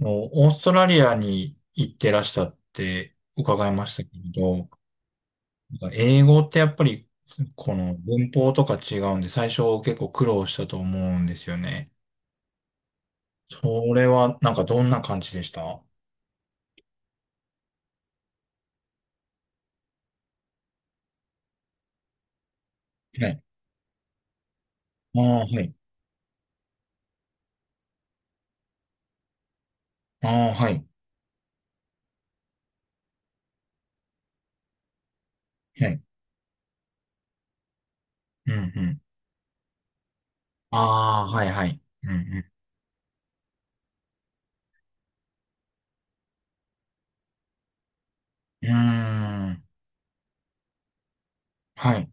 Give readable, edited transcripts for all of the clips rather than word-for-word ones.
のオーストラリアに行ってらしたって伺いましたけど、英語ってやっぱりこの文法とか違うんで、最初結構苦労したと思うんですよね。それはなんかどんな感じでした？はい。ああ、はい。ああ、はい。はい。うんうん。ああ、はいはい。うんうん。うん。はい。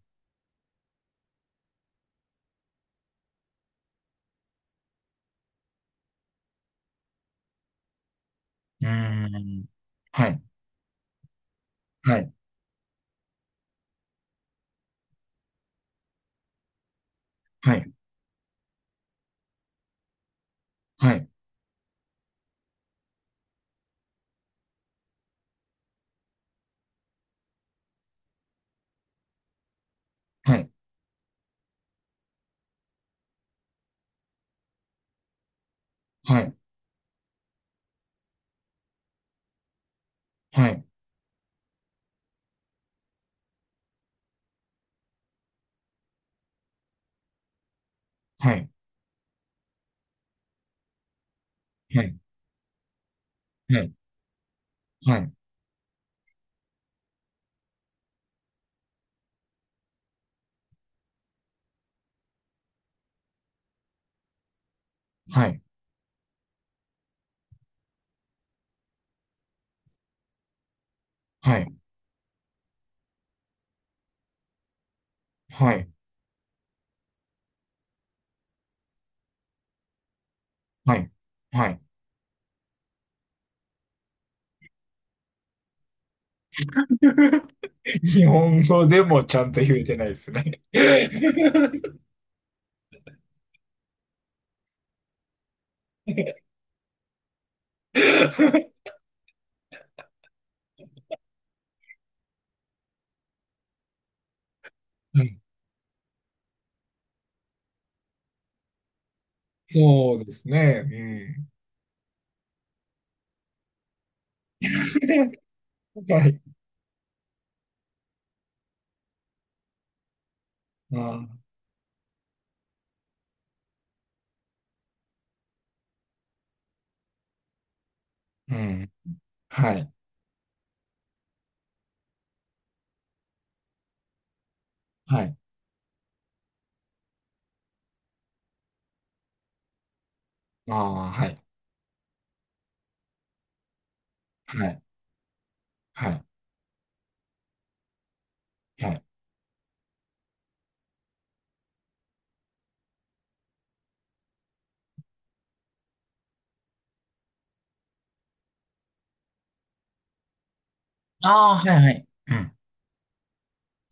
うん。はい。はい。はい。はい。はい。はい。はい。はい。はい。はい。はい。はい。はい。はい。日本語でもちゃんと言えてないですね。はい。そうですね。うん。はい。あー、うん。はい。はい。ああ、はい。はい。はい。はい。ああ、はい、はい。うん。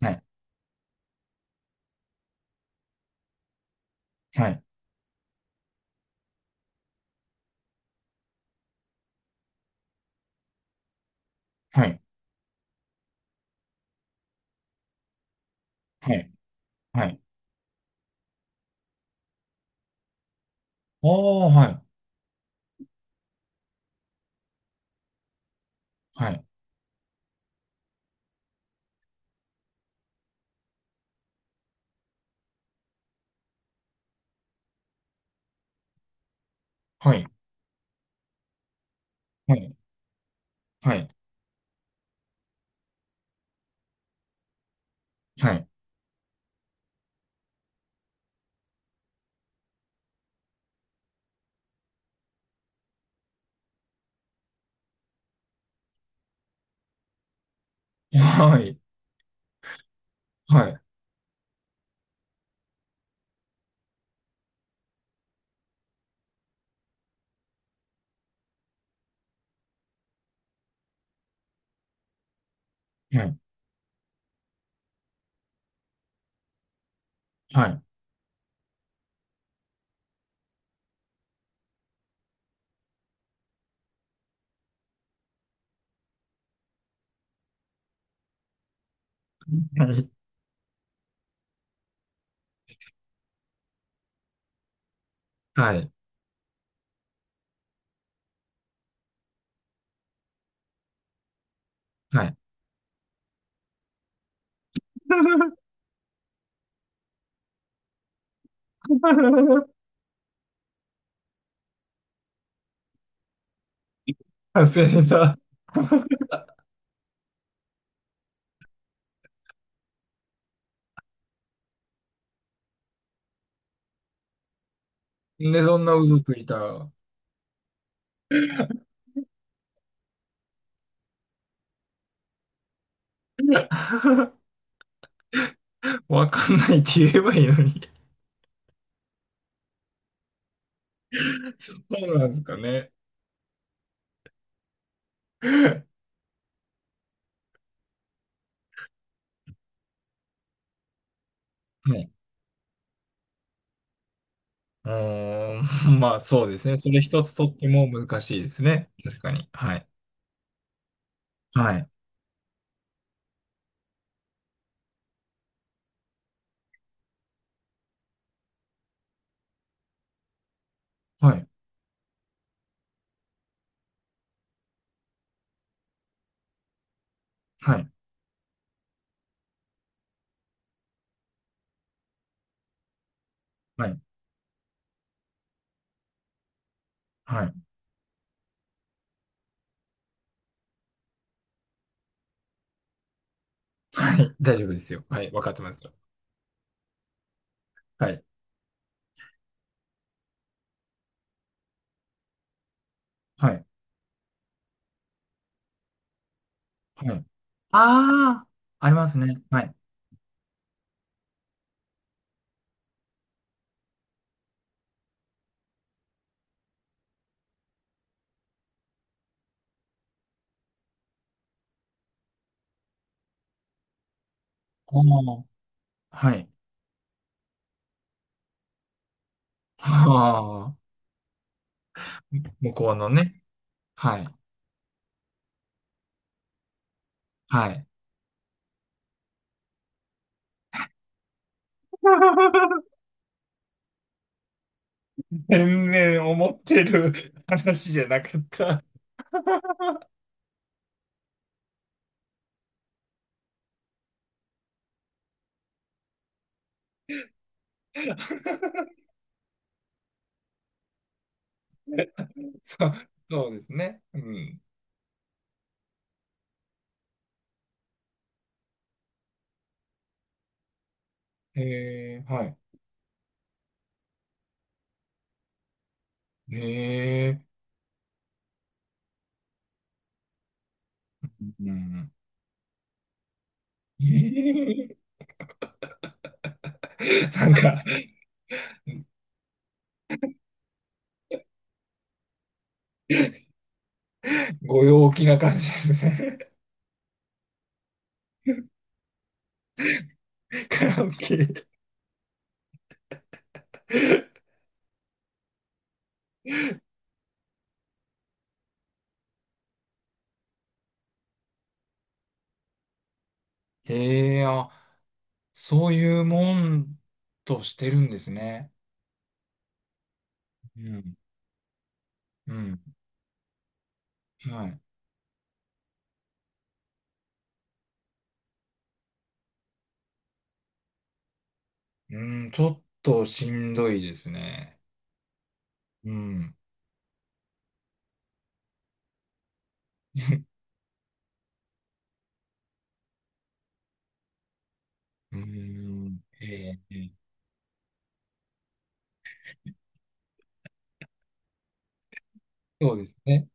はい。はい。はい。はい。はい。おー、はい。はい。はい。はい。はい。はい。はい。はい。はい。はい。はい。はい。はい。外れた。なんでそんな嘘ついた。 わかんないって言えばいいのに。そうなんですかね。はい。うーん、まあそうですね。それ一つとっても難しいですね。確かに。はい。はい。はい。はい。はい。はい。はい、大丈夫ですよ。はい。わかってますよ。はい。はい。はい。ああ、ありますね。はい。ああ、はい。ああ、向こうのね。はい。はい。全然思ってる 話じゃなかった。そう、そうですね。うん。えー、はい。えー、うん。えー、なんか、ご陽気な感じですね。カラオケ。えー、あ、そういうもんとしてるんですね。うん。うん。はい。うん、ちょっとしんどいですね。うん。うん。えー、そうですね。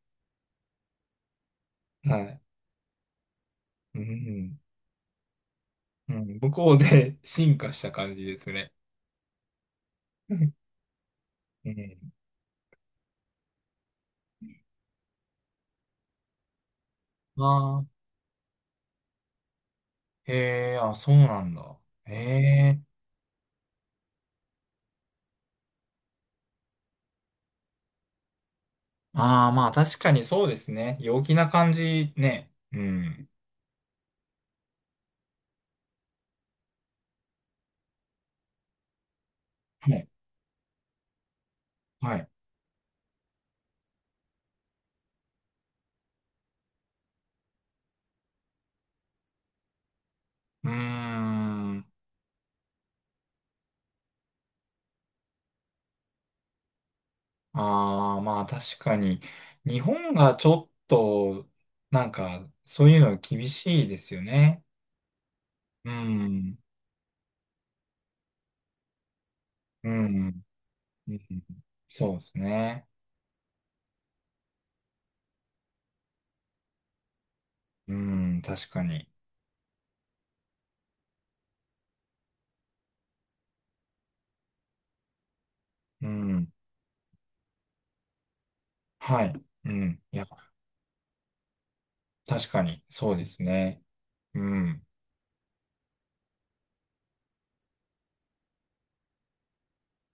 はい。うん。うん、向こうで 進化した感じですね。うん。ああ、へえ、あ、そうなんだ。へえ。ああ、まあ確かにそうですね。陽気な感じね。うん。はい。はい。うーん。ああ、まあ確かに。日本がちょっと、なんか、そういうの厳しいですよね。うん。うん。うん。そうですね。うん、確かに。うん。はい。うん。いや、確かに、そうですね。うん。